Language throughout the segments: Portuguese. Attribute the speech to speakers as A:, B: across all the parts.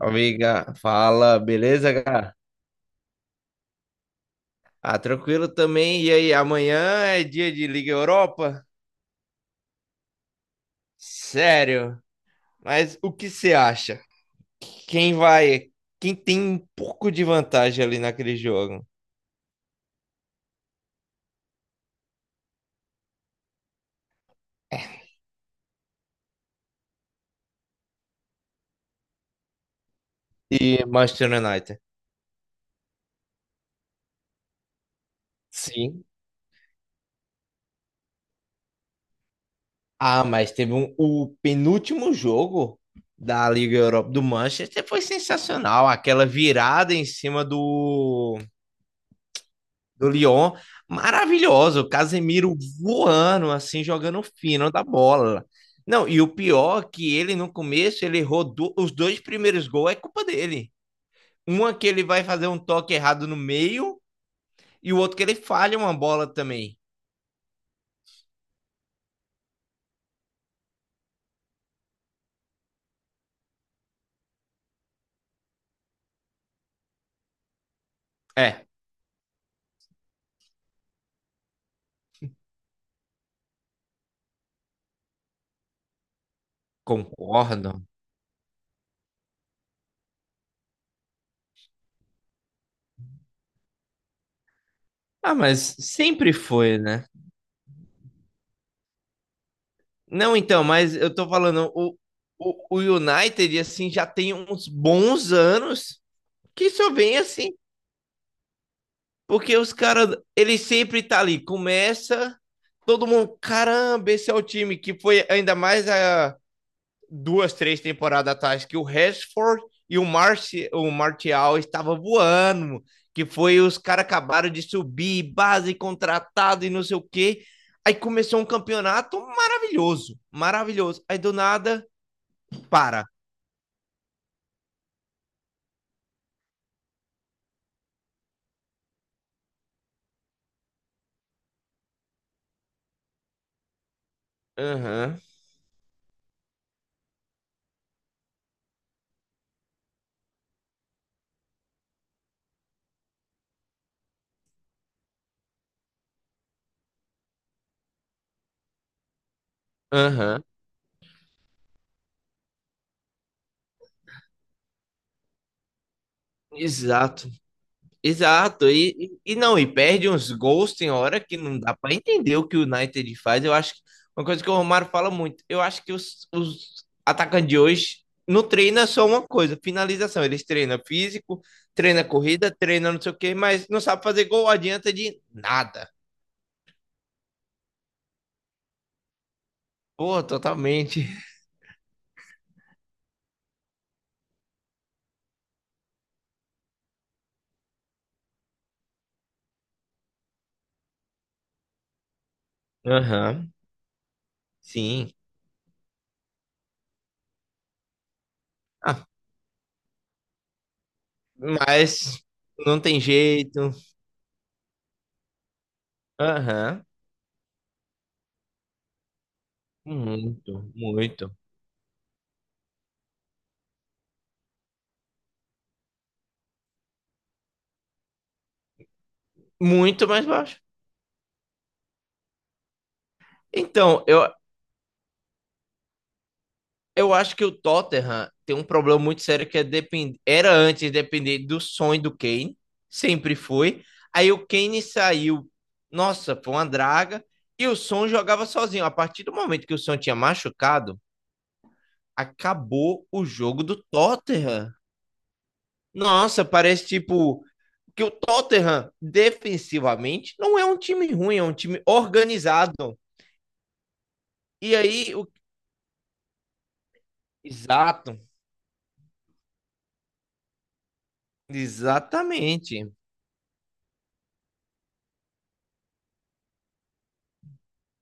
A: Amiga, fala, beleza, cara? Ah, tranquilo também. E aí, amanhã é dia de Liga Europa? Sério? Mas o que você acha? Quem vai? Quem tem um pouco de vantagem ali naquele jogo? É Manchester United. Sim. Ah, mas teve o penúltimo jogo da Liga Europa do Manchester foi sensacional. Aquela virada em cima do Lyon, maravilhoso, Casemiro voando, assim, jogando fino da bola. Não, e o pior é que ele no começo, ele errou os dois primeiros gols, é culpa dele. Uma que ele vai fazer um toque errado no meio e o outro que ele falha uma bola também. É, concordo. Ah, mas sempre foi, né? Não, então, mas eu tô falando, o United, assim, já tem uns bons anos que só vem, assim, porque os caras, ele sempre tá ali, começa, todo mundo, caramba, esse é o time que foi ainda mais a duas, três temporadas atrás que o Rashford e o Martial estavam voando, que foi os caras acabaram de subir, base contratado e não sei o quê. Aí começou um campeonato maravilhoso, maravilhoso. Aí do nada, para. Aham, uhum, aham, uhum, exato. Exato, e não, e perde uns gols tem hora que não dá para entender o que o United faz. Eu acho que uma coisa que o Romário fala muito, eu acho que os atacantes de hoje não treinam só uma coisa, finalização. Eles treinam físico, treinam corrida, treinam não sei o quê, mas não sabe fazer gol, adianta de nada. Pô, totalmente. Aham, sim. Ah, mas não tem jeito. Aham, muito, muito. Muito mais baixo. Então, eu acho que o Tottenham tem um problema muito sério que é era antes depender do sonho do Kane, sempre foi. Aí o Kane saiu, nossa, foi uma draga, e o Son jogava sozinho. A partir do momento que o Son tinha machucado, acabou o jogo do Tottenham. Nossa, parece tipo que o Tottenham defensivamente não é um time ruim, é um time organizado. E aí o exato, exatamente.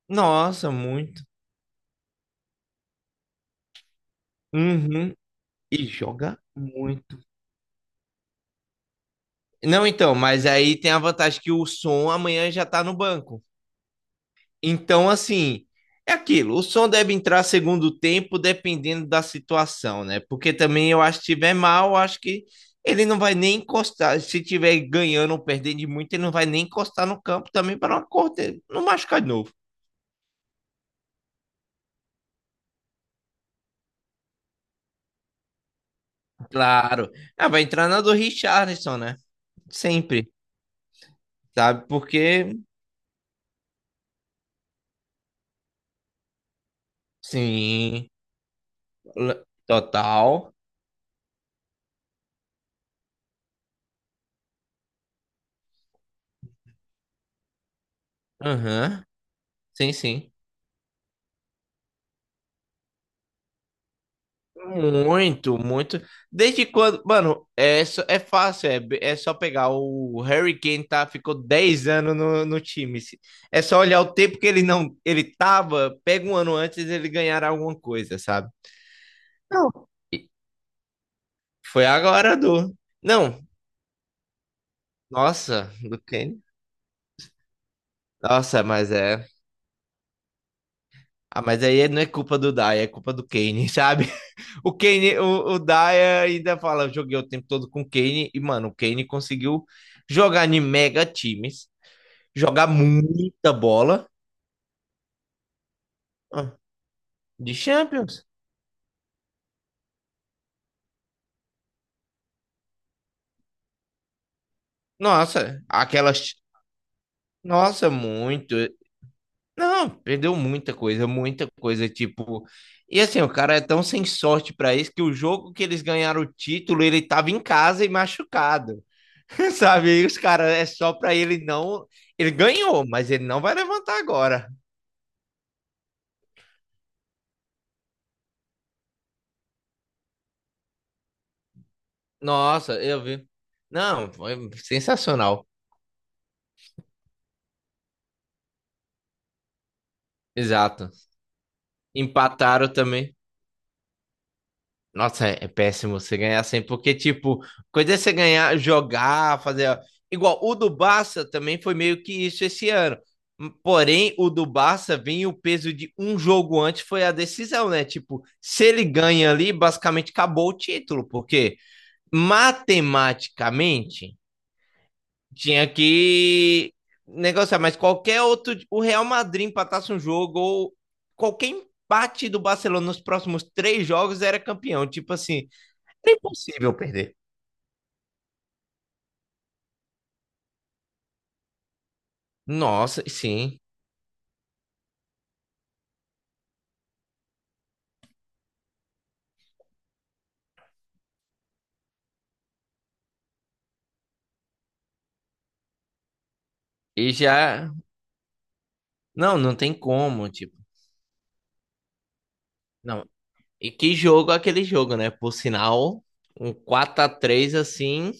A: Nossa, muito. Uhum. E joga muito. Não, então, mas aí tem a vantagem que o som amanhã já tá no banco. Então, assim, é aquilo. O som deve entrar segundo tempo, dependendo da situação, né? Porque também eu acho que se tiver mal, eu acho que ele não vai nem encostar. Se tiver ganhando ou perdendo de muito, ele não vai nem encostar no campo também para não cortar, não machucar de novo. Claro. Ah, vai entrar na do Richarlison, né? Sempre, sabe? Porque, sim, total. Aham. Sim, sim. Muito, muito. Desde quando, mano, é, é fácil, é só pegar o Harry Kane tá, ficou 10 anos no time. É só olhar o tempo que ele não, ele tava, pega um ano antes ele ganhar alguma coisa, sabe? Não. E foi agora do. Não, nossa, do Kane. Nossa, mas é. Ah, mas aí não é culpa do Dai, é culpa do Kane, sabe? O Kane, o Dai ainda fala, eu joguei o tempo todo com o Kane e, mano, o Kane conseguiu jogar em mega times, jogar muita bola. Ah, de Champions. Nossa, aquelas. Nossa, muito. Não, perdeu muita coisa, muita coisa. Tipo. E assim, o cara é tão sem sorte pra isso que o jogo que eles ganharam o título, ele tava em casa e machucado. Sabe? E os caras é só pra ele não. Ele ganhou, mas ele não vai levantar agora. Nossa, eu vi. Não, foi sensacional. Exato. Empataram também. Nossa, é péssimo você ganhar assim, porque, tipo, coisa é você ganhar, jogar, fazer. Igual o do Barça também foi meio que isso esse ano. Porém, o do Barça vem o peso de um jogo antes, foi a decisão, né? Tipo, se ele ganha ali, basicamente acabou o título, porque matematicamente tinha que negociar, mas qualquer outro. O Real Madrid empatasse um jogo ou qualquer empate do Barcelona nos próximos três jogos era campeão. Tipo assim. É impossível perder. Nossa, sim. E já. Não, não tem como, tipo. Não. E que jogo é aquele jogo, né? Por sinal, um 4-3 assim.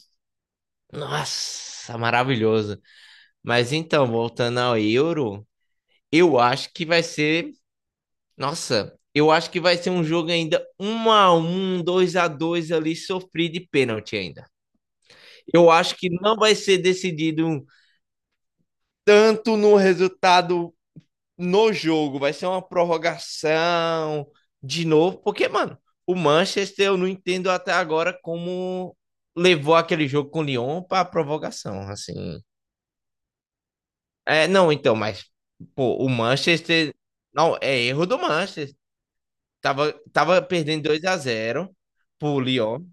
A: Nossa, maravilhoso. Mas então, voltando ao Euro, eu acho que vai ser. Nossa, eu acho que vai ser um jogo ainda 1-1 2-2 ali, sofrido de pênalti ainda. Eu acho que não vai ser decidido tanto no resultado no jogo, vai ser uma prorrogação de novo, porque, mano, o Manchester eu não entendo até agora como levou aquele jogo com o Lyon para prorrogação, assim. É, não, então, mas pô, o Manchester não é erro do Manchester. Tava perdendo 2-0 pro Lyon.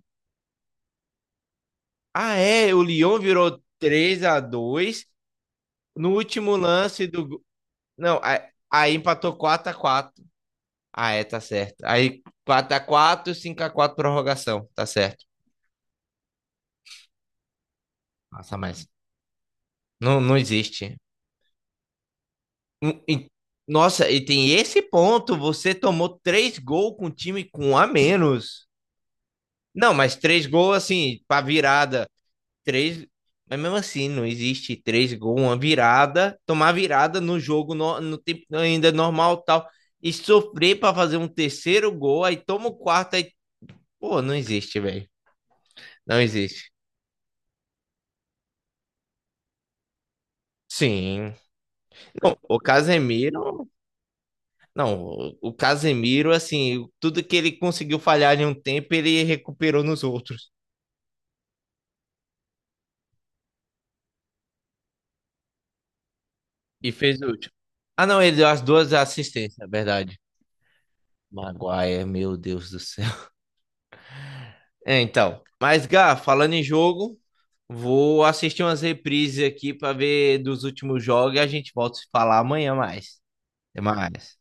A: Ah, é, o Lyon virou 3-2 no último lance do não, a aí empatou 4-4. Ah, é, tá certo. Aí quatro, x quatro 5x4 prorrogação. Tá certo. Nossa, mas não, não existe. Hum. Nossa, e tem esse ponto. Você tomou três gols com o time com um a menos. Não, mas três gols assim, pra virada. Três. Mas mesmo assim, não existe três gols, uma virada. Tomar virada no jogo, no tempo ainda normal tal. E sofrer pra fazer um terceiro gol. Aí toma o quarto. Aí, pô, não existe, velho. Não existe. Sim, não, o Casemiro, não, o Casemiro, assim, tudo que ele conseguiu falhar em um tempo, ele recuperou nos outros e fez o último. Ah, não, ele deu as duas assistências, é verdade. Maguire, meu Deus do céu. É, então, mas Gá, falando em jogo, vou assistir umas reprises aqui para ver dos últimos jogos e a gente volta a se falar amanhã mais. Até mais.